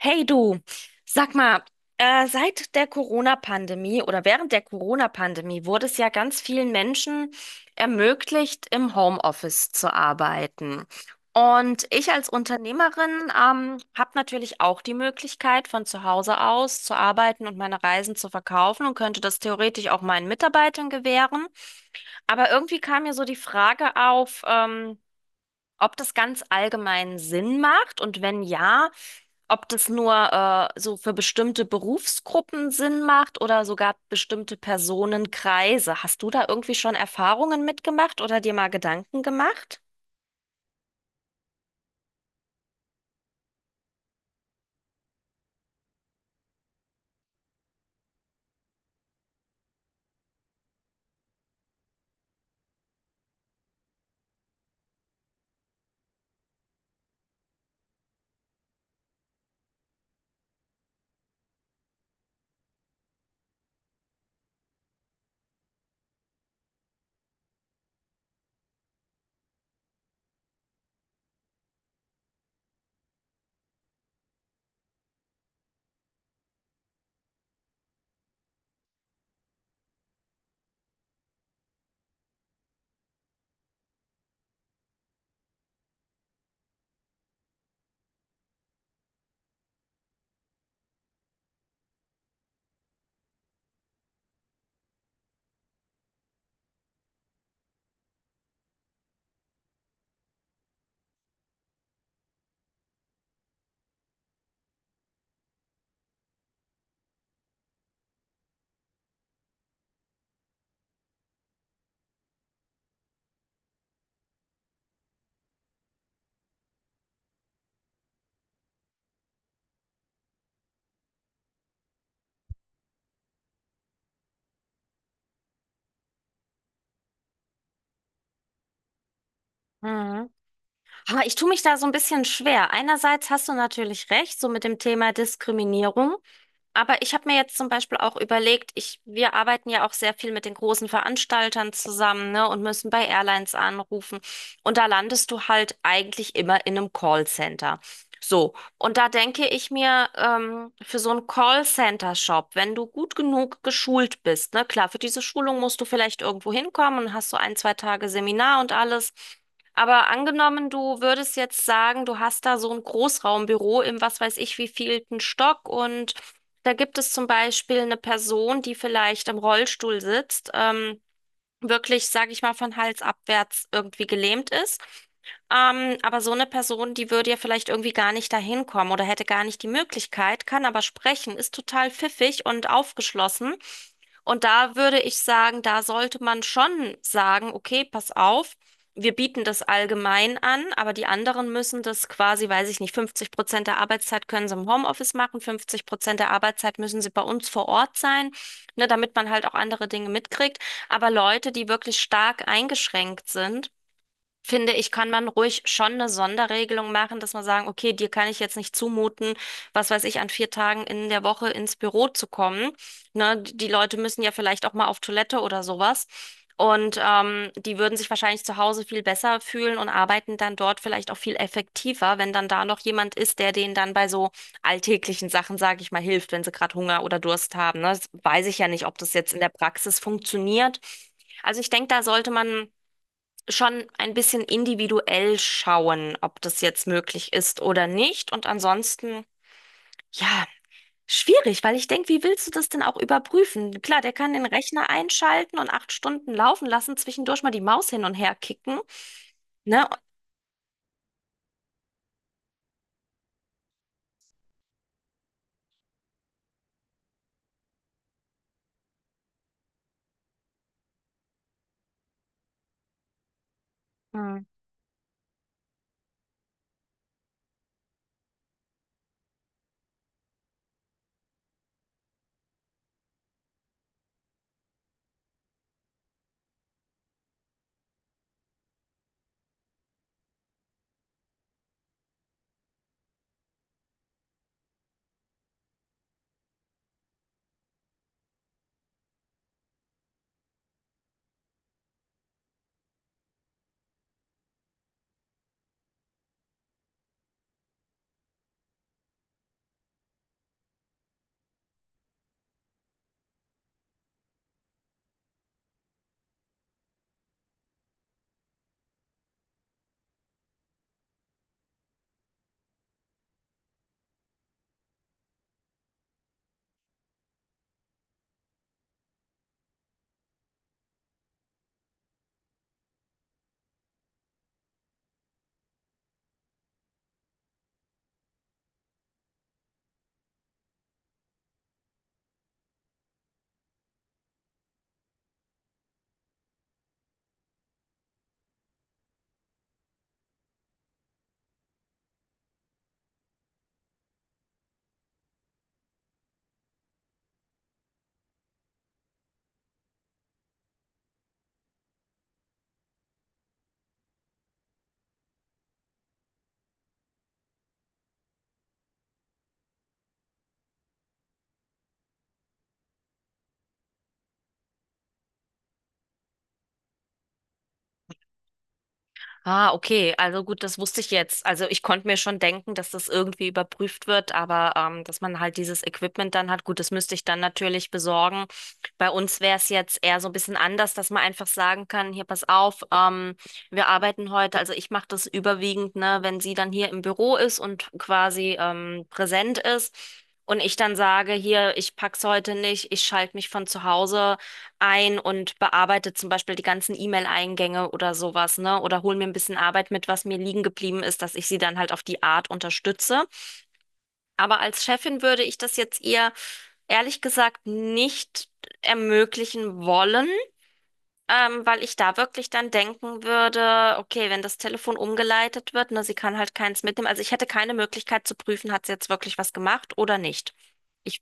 Hey du, sag mal, seit der Corona-Pandemie oder während der Corona-Pandemie wurde es ja ganz vielen Menschen ermöglicht, im Homeoffice zu arbeiten. Und ich als Unternehmerin habe natürlich auch die Möglichkeit, von zu Hause aus zu arbeiten und meine Reisen zu verkaufen und könnte das theoretisch auch meinen Mitarbeitern gewähren. Aber irgendwie kam mir so die Frage auf, ob das ganz allgemein Sinn macht und wenn ja, ob das nur so für bestimmte Berufsgruppen Sinn macht oder sogar bestimmte Personenkreise. Hast du da irgendwie schon Erfahrungen mitgemacht oder dir mal Gedanken gemacht? Mhm. Aber ich tue mich da so ein bisschen schwer. Einerseits hast du natürlich recht, so mit dem Thema Diskriminierung. Aber ich habe mir jetzt zum Beispiel auch überlegt, ich, wir arbeiten ja auch sehr viel mit den großen Veranstaltern zusammen, ne, und müssen bei Airlines anrufen. Und da landest du halt eigentlich immer in einem Callcenter. So, und da denke ich mir, für so einen Callcenter-Shop, wenn du gut genug geschult bist, ne, klar, für diese Schulung musst du vielleicht irgendwo hinkommen und hast so ein, zwei Tage Seminar und alles. Aber angenommen, du würdest jetzt sagen, du hast da so ein Großraumbüro im was weiß ich wievielten Stock und da gibt es zum Beispiel eine Person, die vielleicht im Rollstuhl sitzt, wirklich, sage ich mal, von Hals abwärts irgendwie gelähmt ist. Aber so eine Person, die würde ja vielleicht irgendwie gar nicht dahin kommen oder hätte gar nicht die Möglichkeit, kann aber sprechen, ist total pfiffig und aufgeschlossen. Und da würde ich sagen, da sollte man schon sagen, okay, pass auf, wir bieten das allgemein an, aber die anderen müssen das quasi, weiß ich nicht, 50% der Arbeitszeit können sie im Homeoffice machen, 50% der Arbeitszeit müssen sie bei uns vor Ort sein, ne, damit man halt auch andere Dinge mitkriegt. Aber Leute, die wirklich stark eingeschränkt sind, finde ich, kann man ruhig schon eine Sonderregelung machen, dass man sagen, okay, dir kann ich jetzt nicht zumuten, was weiß ich, an 4 Tagen in der Woche ins Büro zu kommen. Ne, die Leute müssen ja vielleicht auch mal auf Toilette oder sowas. Und die würden sich wahrscheinlich zu Hause viel besser fühlen und arbeiten dann dort vielleicht auch viel effektiver, wenn dann da noch jemand ist, der denen dann bei so alltäglichen Sachen, sage ich mal, hilft, wenn sie gerade Hunger oder Durst haben. Ne? Das weiß ich ja nicht, ob das jetzt in der Praxis funktioniert. Also ich denke, da sollte man schon ein bisschen individuell schauen, ob das jetzt möglich ist oder nicht. Und ansonsten, ja, schwierig, weil ich denke, wie willst du das denn auch überprüfen? Klar, der kann den Rechner einschalten und 8 Stunden laufen lassen, zwischendurch mal die Maus hin und her kicken, ne? Ah, okay. Also gut, das wusste ich jetzt. Also ich konnte mir schon denken, dass das irgendwie überprüft wird, aber dass man halt dieses Equipment dann hat, gut, das müsste ich dann natürlich besorgen. Bei uns wäre es jetzt eher so ein bisschen anders, dass man einfach sagen kann, hier, pass auf, wir arbeiten heute, also ich mache das überwiegend, ne, wenn sie dann hier im Büro ist und quasi präsent ist. Und ich dann sage, hier, ich pack's heute nicht, ich schalte mich von zu Hause ein und bearbeite zum Beispiel die ganzen E-Mail-Eingänge oder sowas, ne? Oder hole mir ein bisschen Arbeit mit, was mir liegen geblieben ist, dass ich sie dann halt auf die Art unterstütze. Aber als Chefin würde ich das jetzt eher ehrlich gesagt nicht ermöglichen wollen, weil ich da wirklich dann denken würde, okay, wenn das Telefon umgeleitet wird, ne, sie kann halt keins mitnehmen. Also ich hätte keine Möglichkeit zu prüfen, hat sie jetzt wirklich was gemacht oder nicht. Ich,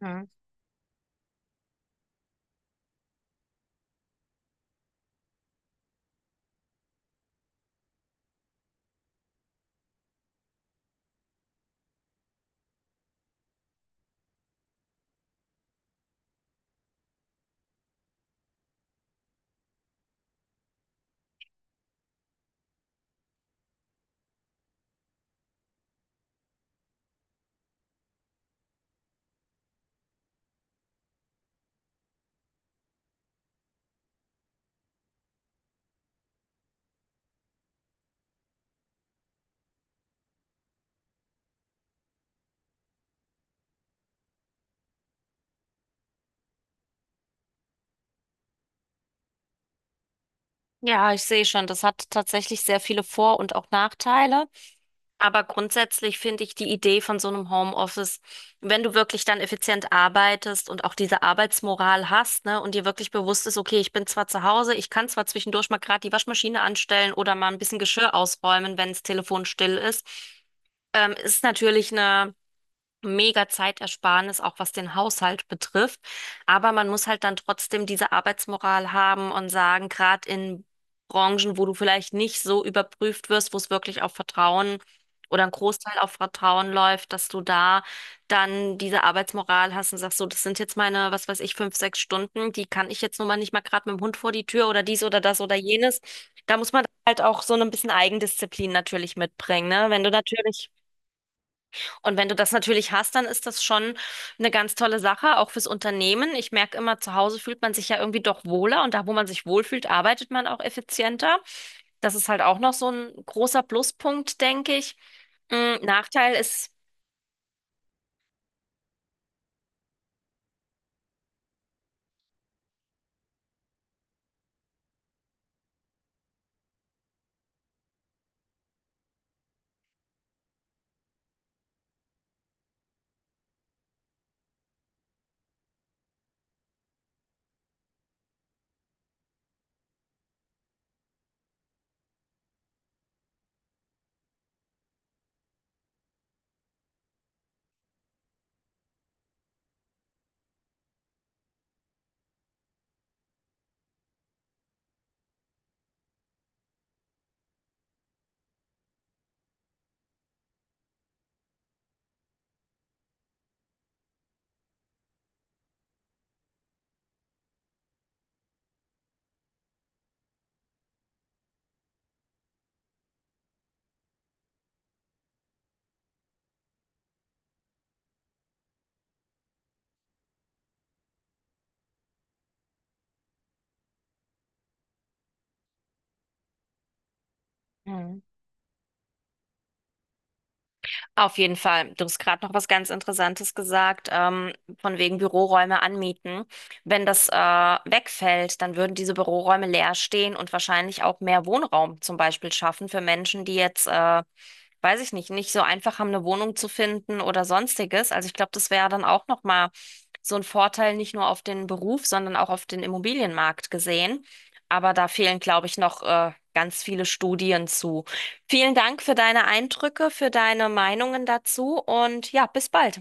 Mhm. Ja, ich sehe schon, das hat tatsächlich sehr viele Vor- und auch Nachteile. Aber grundsätzlich finde ich die Idee von so einem Homeoffice, wenn du wirklich dann effizient arbeitest und auch diese Arbeitsmoral hast, ne, und dir wirklich bewusst ist, okay, ich bin zwar zu Hause, ich kann zwar zwischendurch mal gerade die Waschmaschine anstellen oder mal ein bisschen Geschirr ausräumen, wenn das Telefon still ist, ist natürlich eine mega Zeitersparnis, auch was den Haushalt betrifft. Aber man muss halt dann trotzdem diese Arbeitsmoral haben und sagen, gerade in Branchen, wo du vielleicht nicht so überprüft wirst, wo es wirklich auf Vertrauen oder ein Großteil auf Vertrauen läuft, dass du da dann diese Arbeitsmoral hast und sagst, so, das sind jetzt meine, was weiß ich, 5, 6 Stunden, die kann ich jetzt nun mal nicht mal gerade mit dem Hund vor die Tür oder dies oder das oder jenes. Da muss man halt auch so ein bisschen Eigendisziplin natürlich mitbringen, ne? Wenn du natürlich Und wenn du das natürlich hast, dann ist das schon eine ganz tolle Sache, auch fürs Unternehmen. Ich merke immer, zu Hause fühlt man sich ja irgendwie doch wohler und da, wo man sich wohlfühlt, arbeitet man auch effizienter. Das ist halt auch noch so ein großer Pluspunkt, denke ich. Nachteil ist Mhm. Auf jeden Fall, du hast gerade noch was ganz Interessantes gesagt, von wegen Büroräume anmieten. Wenn das wegfällt, dann würden diese Büroräume leer stehen und wahrscheinlich auch mehr Wohnraum zum Beispiel schaffen für Menschen, die jetzt weiß ich nicht, nicht so einfach haben, eine Wohnung zu finden oder sonstiges. Also ich glaube, das wäre dann auch nochmal so ein Vorteil, nicht nur auf den Beruf, sondern auch auf den Immobilienmarkt gesehen. Aber da fehlen, glaube ich, noch ganz viele Studien zu. Vielen Dank für deine Eindrücke, für deine Meinungen dazu und ja, bis bald.